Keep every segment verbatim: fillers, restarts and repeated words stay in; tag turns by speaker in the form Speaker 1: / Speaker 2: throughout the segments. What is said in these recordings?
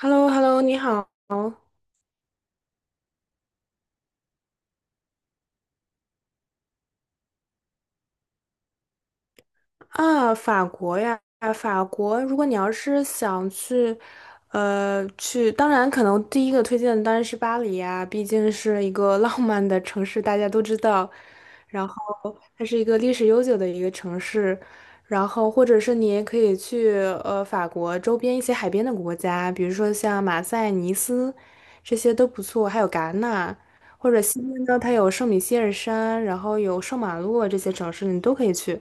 Speaker 1: h e l l o h e l l o 你好。啊，法国呀，啊法国，如果你要是想去，呃，去，当然可能第一个推荐的当然是巴黎呀，毕竟是一个 浪漫的城市，大家都知道。然后它是一个历史悠久的一个城市，然后或者是你也可以去呃法国周边一些海边的国家，比如说像马赛、尼斯，这些都不错，还有戛纳。或者西边呢，它有圣米歇尔山，然后有圣马洛这些城市，你都可以去。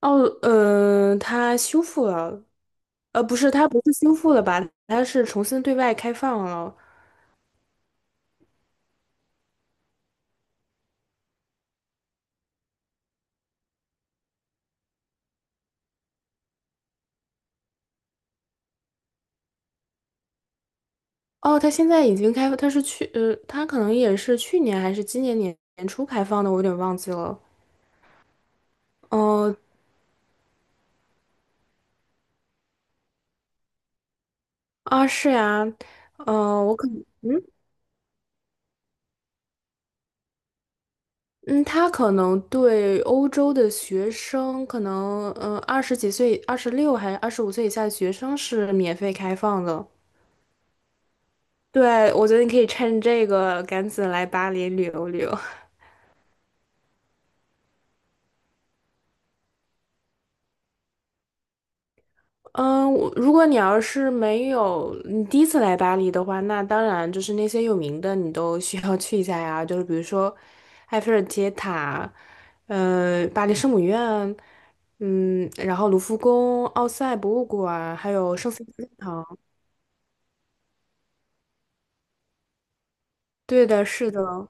Speaker 1: 哦，嗯呃，它修复了，呃，不是，它不是修复了吧？它是重新对外开放了。哦，它现在已经开，它是去，呃，它可能也是去年还是今年年年初开放的，我有点忘记了。哦，啊，是呀。呃，我可嗯嗯，它可能对欧洲的学生，可能，嗯、二十几岁、二十六还是二十五岁以下的学生是免费开放的。对，我觉得你可以趁这个赶紧来巴黎旅游旅游。嗯，我如果你要是没有你第一次来巴黎的话，那当然就是那些有名的你都需要去一下呀，就是比如说埃菲尔铁塔，呃，巴黎圣母院，嗯，然后卢浮宫、奥赛博物馆，还有圣心教堂。对的，是的。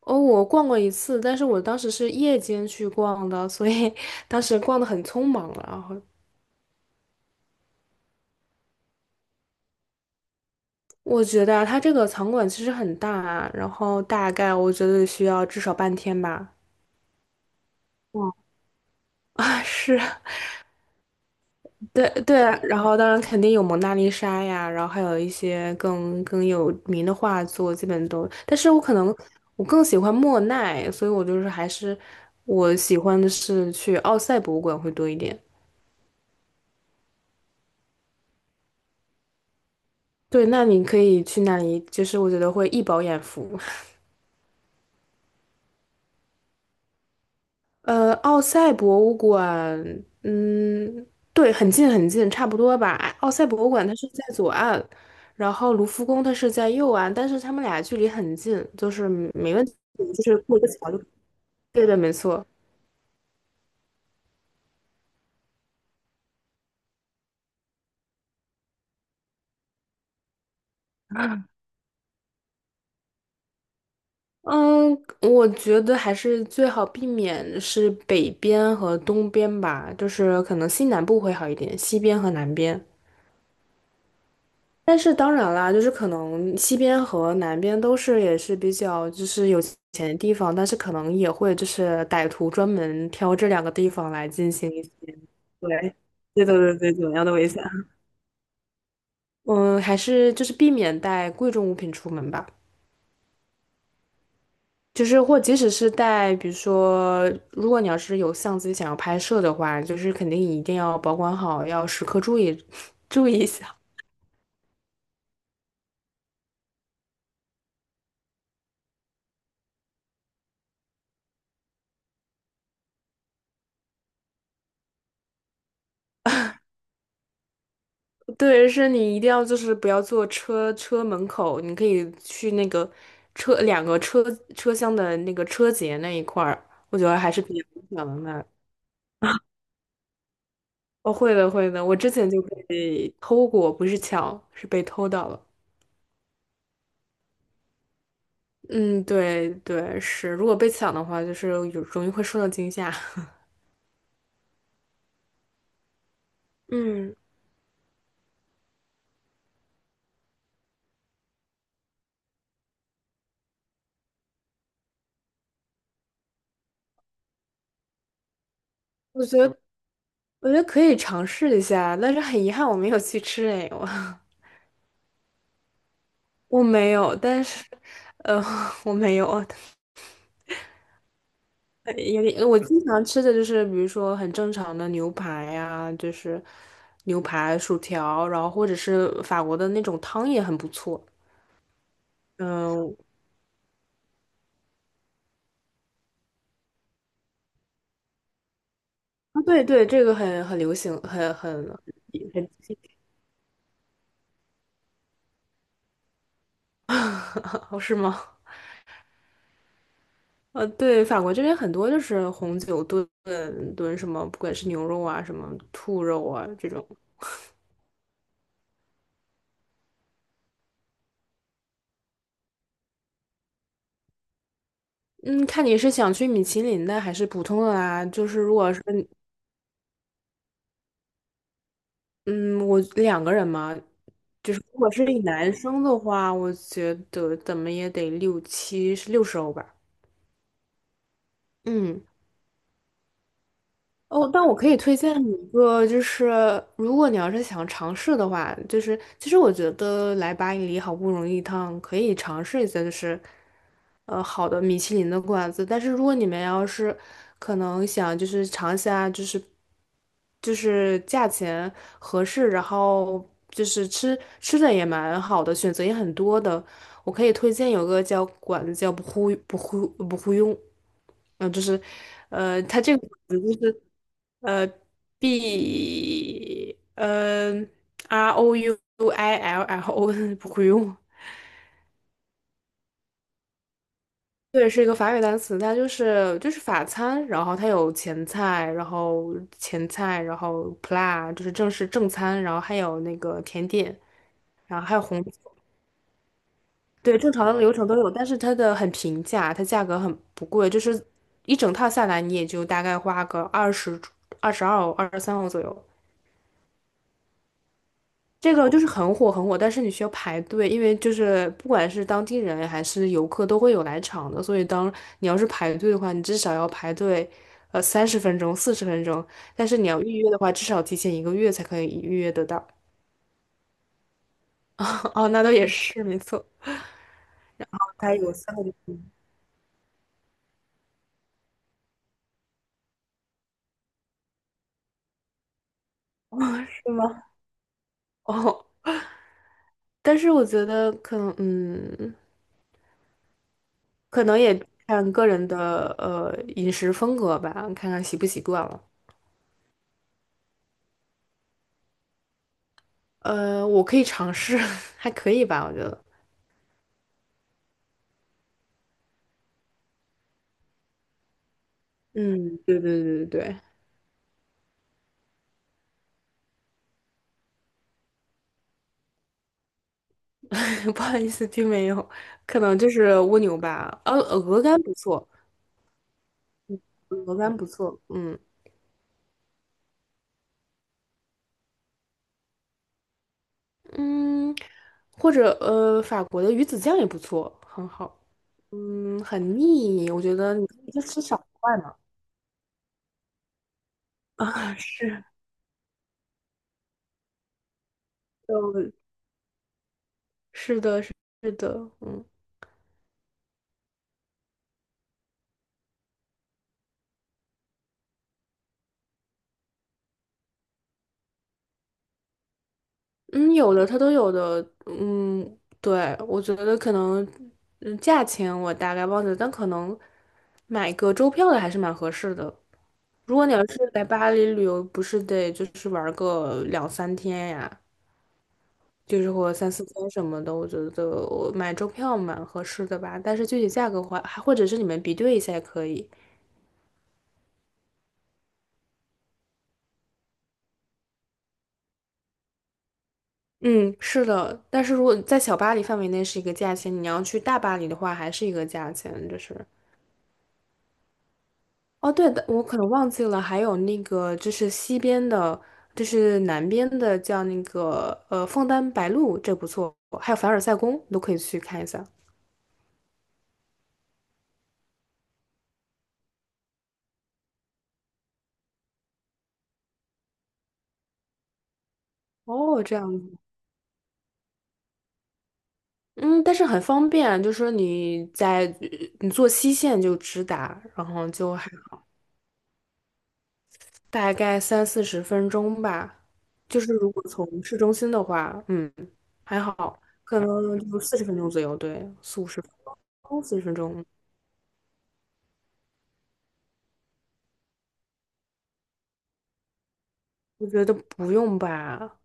Speaker 1: 哦，我逛过一次，但是我当时是夜间去逛的，所以 当时逛的很匆忙了。我觉得啊它这个场馆其实很大啊，然后大概我觉得需要至少半天吧。哇，啊，是，对对啊，然后当然肯定有蒙娜丽莎呀，然后还有一些更更有名的画作，基本都。但是我可能我更喜欢莫奈，所以我就是还是我喜欢的是去奥赛博物馆会多一点。对，那你可以去那里，就是我觉得会一饱眼福。呃，奥赛博物馆，嗯，对，很近很近，差不多吧。奥赛博物馆它是在左岸，然后卢浮宫它是在右岸，但是它们俩距离很近，就是没问题，就是过一个桥就。对的，没错。嗯，我觉得还是最好避免是北边和东边吧，就是可能西南部会好一点，西边和南边。但是当然啦，就是可能西边和南边都是也是比较就是有钱的地方，但是可能也会就是歹徒专门挑这两个地方来进行一些。对，对对对对，怎么样的危险？嗯，还是就是避免带贵重物品出门吧。就是或即使是带，比如说，如果你要是有相机想要拍摄的话，就是肯定一定要保管好，要时刻注意 注意一下。对，是你一定要就是不要坐车车门口，你可以去那个车两个车车厢的那个车节那一块儿，我觉得还是比较影响的那。哦，会的会的，我之前就被偷过，不是抢，是被偷到了。嗯，对对是，如果被抢的话，就是有容易会受到惊吓。嗯，我觉得我觉得可以尝试一下，但是很遗憾我没有去吃哎，我 我没有，但是 我没有，呃有点，呃我经常吃的就是，比如说很正常的牛排呀、就是牛排、薯条，然后或者是法国的那种汤也很不错。嗯，啊，对对，这个很很流行，很很很，是吗？呃，对，法国这边很多就是红酒炖炖什么，不管是牛肉啊、什么兔肉啊这种。嗯，看你是想去米其林的还是普通的啊？就是如果是嗯，我两个人嘛，就是如果是一男生的话，我觉得怎么也得六七，是六十欧吧。嗯。哦，但我可以推荐你一个，就是如果你要是想尝试的话，就是其实我觉得来巴黎好不容易一趟，可以尝试一下，就是呃好的米其林的馆子。但是如果你们要是可能想就是尝一下，就是就是价钱合适，然后就是吃吃的也蛮好的，选择也很多的，我可以推荐有个叫馆子叫不忽不忽不忽用。嗯，呃就是，呃，它这个馆子就是呃，B，嗯、r O U I L L O，不会用。对，是一个法语单词，它就是就是法餐，然后它有前菜，然后前菜，然后 plat 就是正式正餐，然后还有那个甜点，然后还有红酒。对，正常的流程都有，但是它的很平价，它价格很不贵，就是一整套下来你也就大概花个二十二十二欧、二十三欧左右。这个就是很火很火，但是你需要排队，因为就是不管是当地人还是游客都会有来场的，所以当你要是排队的话，你至少要排队，呃，三十分钟、四十分钟，但是你要预约的话，至少提前一个月才可以预约得到。哦，那倒也是，没错。它有三个地方是吗？哦，但是我觉得可能，嗯，可能也看个人的呃饮食风格吧，看看习不习惯了。呃，我可以尝试，还可以吧，我觉得。嗯，对对对对对，不好意思，听没有，可能就是蜗牛吧。呃、鹅肝不错，鹅肝不错。嗯嗯，或者呃，法国的鱼子酱也不错，很好。嗯，很腻，我觉得你可以就吃小块嘛。啊，是的，是的，是的，嗯嗯，有的它都有的。嗯，对，我觉得可能，嗯，价钱我大概忘记了，但可能买个周票的还是蛮合适的。如果你要是来巴黎旅游，不是得就是玩个两三天呀，就是或三四天什么的，我觉得我买周票蛮合适的吧。但是具体价格的话，还或者是你们比对一下也可以。嗯，是的。但是如果在小巴黎范围内是一个价钱，你要去大巴黎的话还是一个价钱，就是。哦，对的，我可能忘记了，还有那个就是西边的，就是南边的叫那个呃枫丹白露，这不错，还有凡尔赛宫都可以去看一下。哦，这样。嗯，但是很方便，就是说你在你坐西线就直达，然后就还大概三四十分钟吧。就是如果从市中心的话，嗯，还好，可能就四十分钟左右，对，四五十分钟，四十分钟。我觉得不用吧。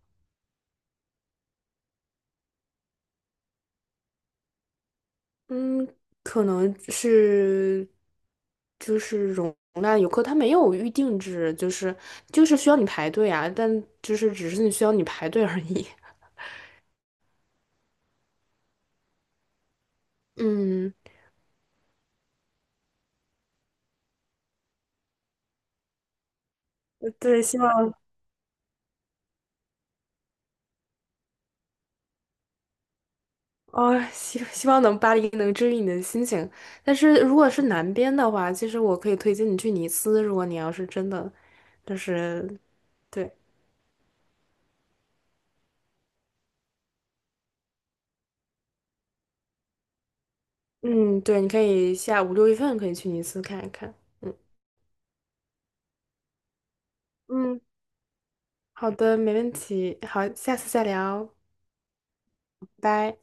Speaker 1: 嗯，可能是就是容纳游客，他没有预定制，就是就是需要你排队啊，但就是只是你需要你排队而已。嗯。对，希望哦，希希望能巴黎能治愈你的心情。但是如果是南边的话，其实我可以推荐你去尼斯，如果你要是真的，就是对，嗯，对，你可以下五六月份可以去尼斯看一看。嗯嗯，好的，没问题。好，下次再聊，拜。